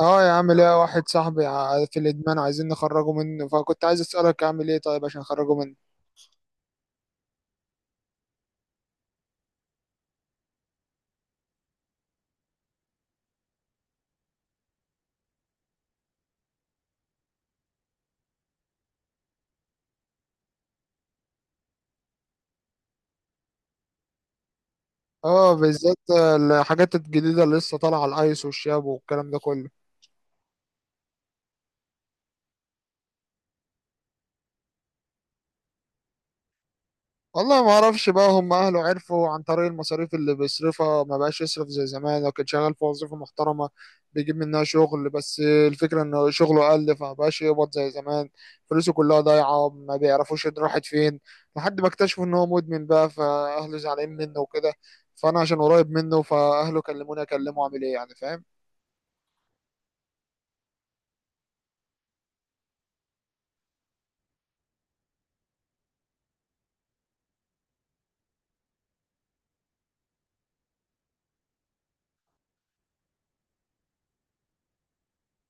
اه يا عم، ليا واحد صاحبي في الادمان، عايزين نخرجه منه، فكنت عايز اسالك اعمل ايه طيب عشان اخرجه منه. اه، بالذات الحاجات الجديده اللي لسه طالعه، الايس والشاب والكلام ده كله. والله ما اعرفش بقى، هم اهله عرفوا عن طريق المصاريف اللي بيصرفها، ما بقاش يصرف زي زمان. لو كان شغال في وظيفة محترمة بيجيب منها شغل، بس الفكرة ان شغله قل، فما بقاش يقبض زي زمان. فلوسه كلها ضايعة، ما بيعرفوش إن راحت فين لحد ما اكتشفوا ان هو مدمن بقى، فاهله زعلانين منه وكده. فانا عشان قريب منه، فاهله كلموني اكلمه، اعمل ايه يعني؟ فاهم؟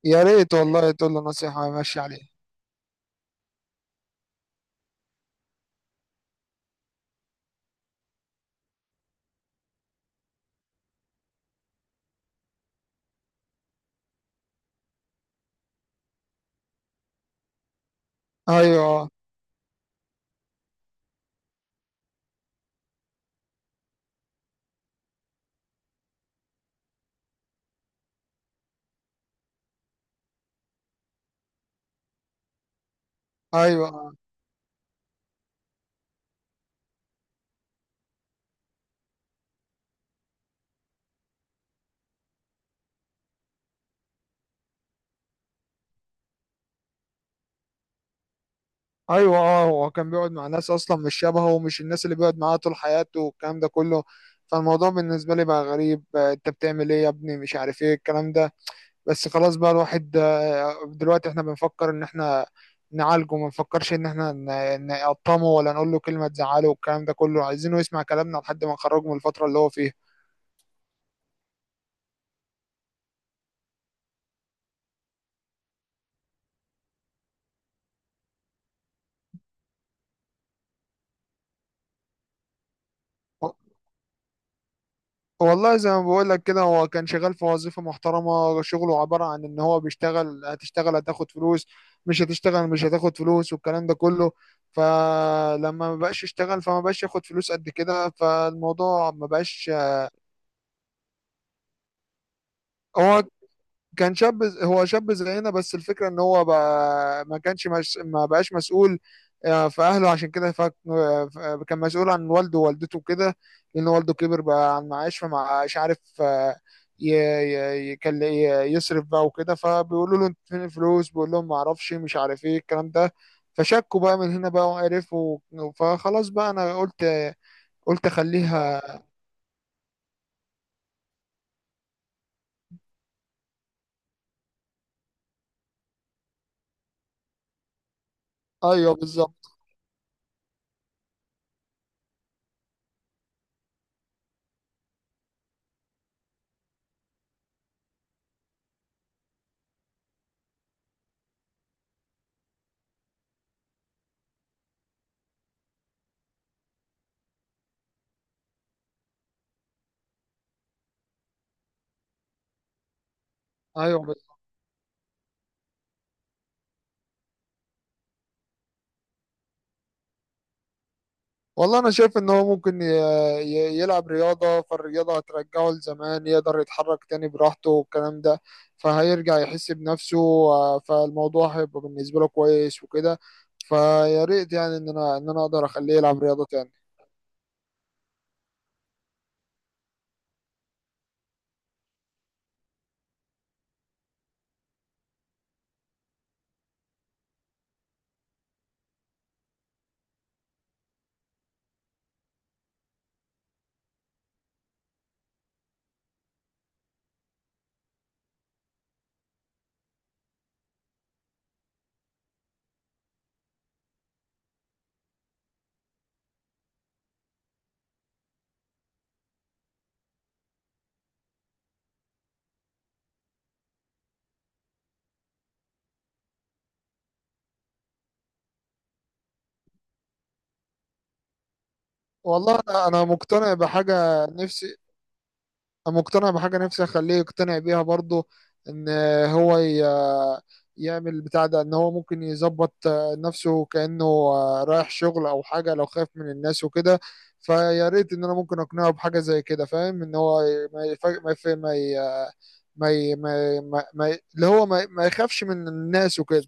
يا ريت والله تقول له نصيحة ماشي عليه. ايوه، ايوه، ايوه. اه، هو كان بيقعد مع ناس اصلا مش شبهه، ومش الناس اللي بيقعد معاها طول حياته والكلام ده كله. فالموضوع بالنسبه لي بقى غريب، انت بتعمل ايه يا ابني؟ مش عارف ايه الكلام ده. بس خلاص بقى، الواحد دلوقتي احنا بنفكر ان احنا نعالجه، ما نفكرش ان احنا نقطمه ولا نقول له كلمه تزعله والكلام ده كله، عايزينه يسمع كلامنا لحد ما نخرجه من الفتره اللي هو فيها. والله زي ما بقول لك كده، هو كان شغال في وظيفة محترمة. شغله عبارة عن ان هو بيشتغل هتشتغل هتاخد فلوس، مش هتشتغل مش هتاخد فلوس والكلام ده كله. فلما ما بقاش يشتغل فما بقاش ياخد فلوس قد كده، فالموضوع ما بقاش. هو كان شاب هو شاب زينا، بس الفكرة ان هو بقى ما كانش مش ما بقاش مسؤول في اهله، عشان كده فك... آه، ف- آه، كان مسؤول عن والده ووالدته وكده، لان والده كبر بقى عن معاش، فما مش عارف يصرف بقى وكده. فبيقولوا له: انت فين الفلوس؟ بيقول لهم: ما اعرفش، مش عارف ايه الكلام ده. فشكوا بقى من هنا بقى وعرفوا. فخلاص بقى، انا قلت اخليها. ايوه، بالظبط. ايوه. والله انا شايف ان هو ممكن يلعب رياضه، فالرياضه هترجعه لزمان، يقدر يتحرك تاني براحته والكلام ده. فهيرجع يحس بنفسه، فالموضوع هيبقى بالنسبه له كويس وكده. فيا ريت يعني ان انا اقدر اخليه يلعب رياضه تاني. والله انا مقتنع بحاجه نفسي، مقتنع بحاجة نفسي أخليه يقتنع بيها برضه. إن هو يعمل بتاع ده، إن هو ممكن يظبط نفسه كأنه رايح شغل أو حاجة، لو خايف من الناس وكده. فيا ريت إن أنا ممكن أقنعه بحاجة زي كده. فاهم؟ إن هو ما يفاجئ، ما ما ي- اللي هو ما يخافش من الناس وكده.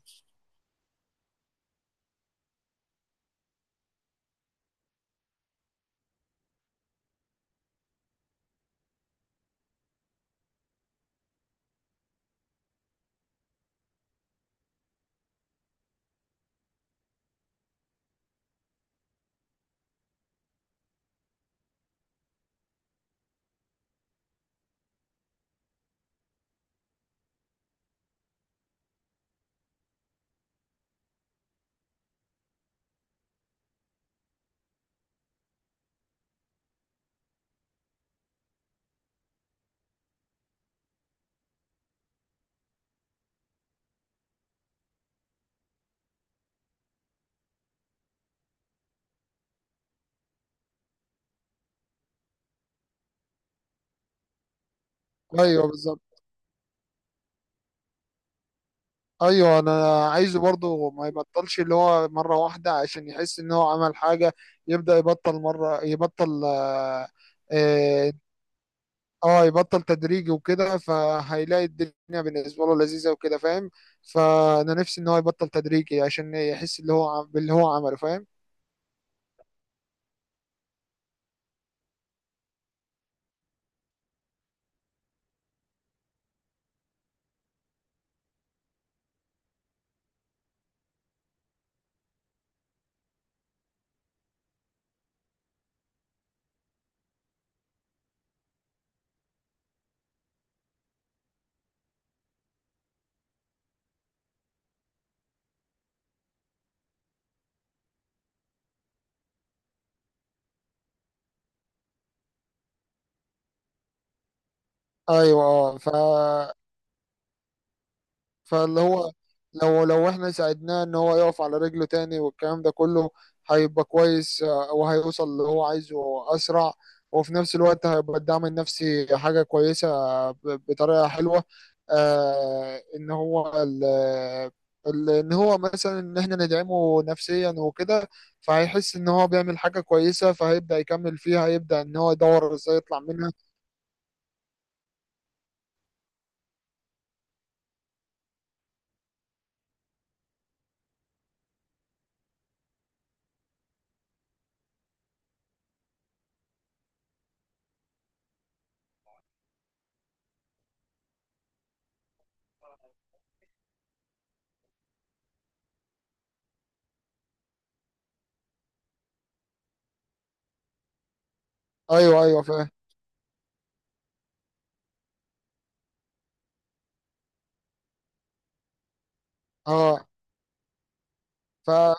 أيوه، بالظبط. ايوه. انا عايزه برضه ما يبطلش اللي هو مره واحده، عشان يحس ان هو عمل حاجه، يبدا يبطل مره، يبطل. اه. آه، يبطل تدريجي وكده، فهيلاقي الدنيا بالنسبه له لذيذه وكده. فاهم؟ فانا نفسي ان هو يبطل تدريجي، عشان يحس اللي هو باللي هو عمله. فاهم؟ ايوه. اه. فاللي هو لو احنا ساعدناه ان هو يقف على رجله تاني والكلام ده كله، هيبقى كويس، وهيوصل اللي هو عايزه اسرع، وفي نفس الوقت هيبقى الدعم النفسي حاجة كويسة ب- بطريقة حلوة. آه ان هو ال ان هو مثلا، ان احنا ندعمه نفسيا وكده، فهيحس ان هو بيعمل حاجة كويسة، فهيبدأ يكمل فيها، هيبدأ ان هو يدور ازاي يطلع منها. ايوه، ايوه، فاهم. اه. ف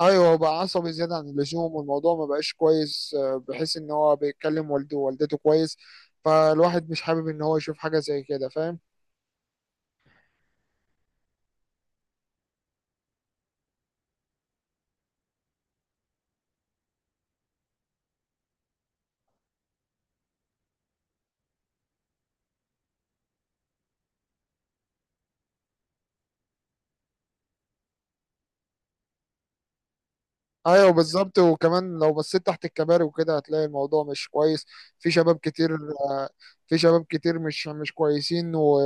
ايوه. هو بقى عصبي زياده عن اللزوم، والموضوع ما بقاش كويس، بحيث ان هو بيتكلم والده ووالدته كويس. فالواحد مش حابب ان هو يشوف حاجه زي كده. فاهم؟ ايوه، بالظبط. وكمان لو بصيت تحت الكباري وكده، هتلاقي الموضوع مش كويس. في شباب كتير آه، في شباب كتير مش كويسين.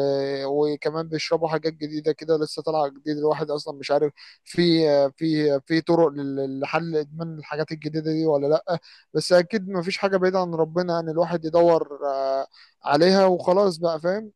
وكمان بيشربوا حاجات جديده كده لسه طالعه جديد، الواحد اصلا مش عارف في في طرق لحل ادمان الحاجات الجديده دي ولا لا. بس اكيد ما فيش حاجه بعيده عن ربنا ان الواحد يدور عليها، وخلاص بقى. فاهم؟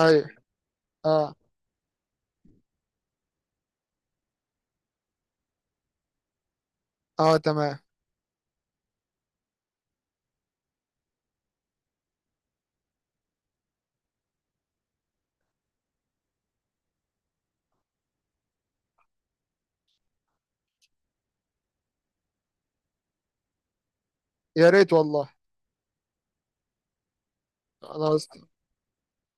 ايوه. اه. اه. تمام. يا ريت والله. خلاص.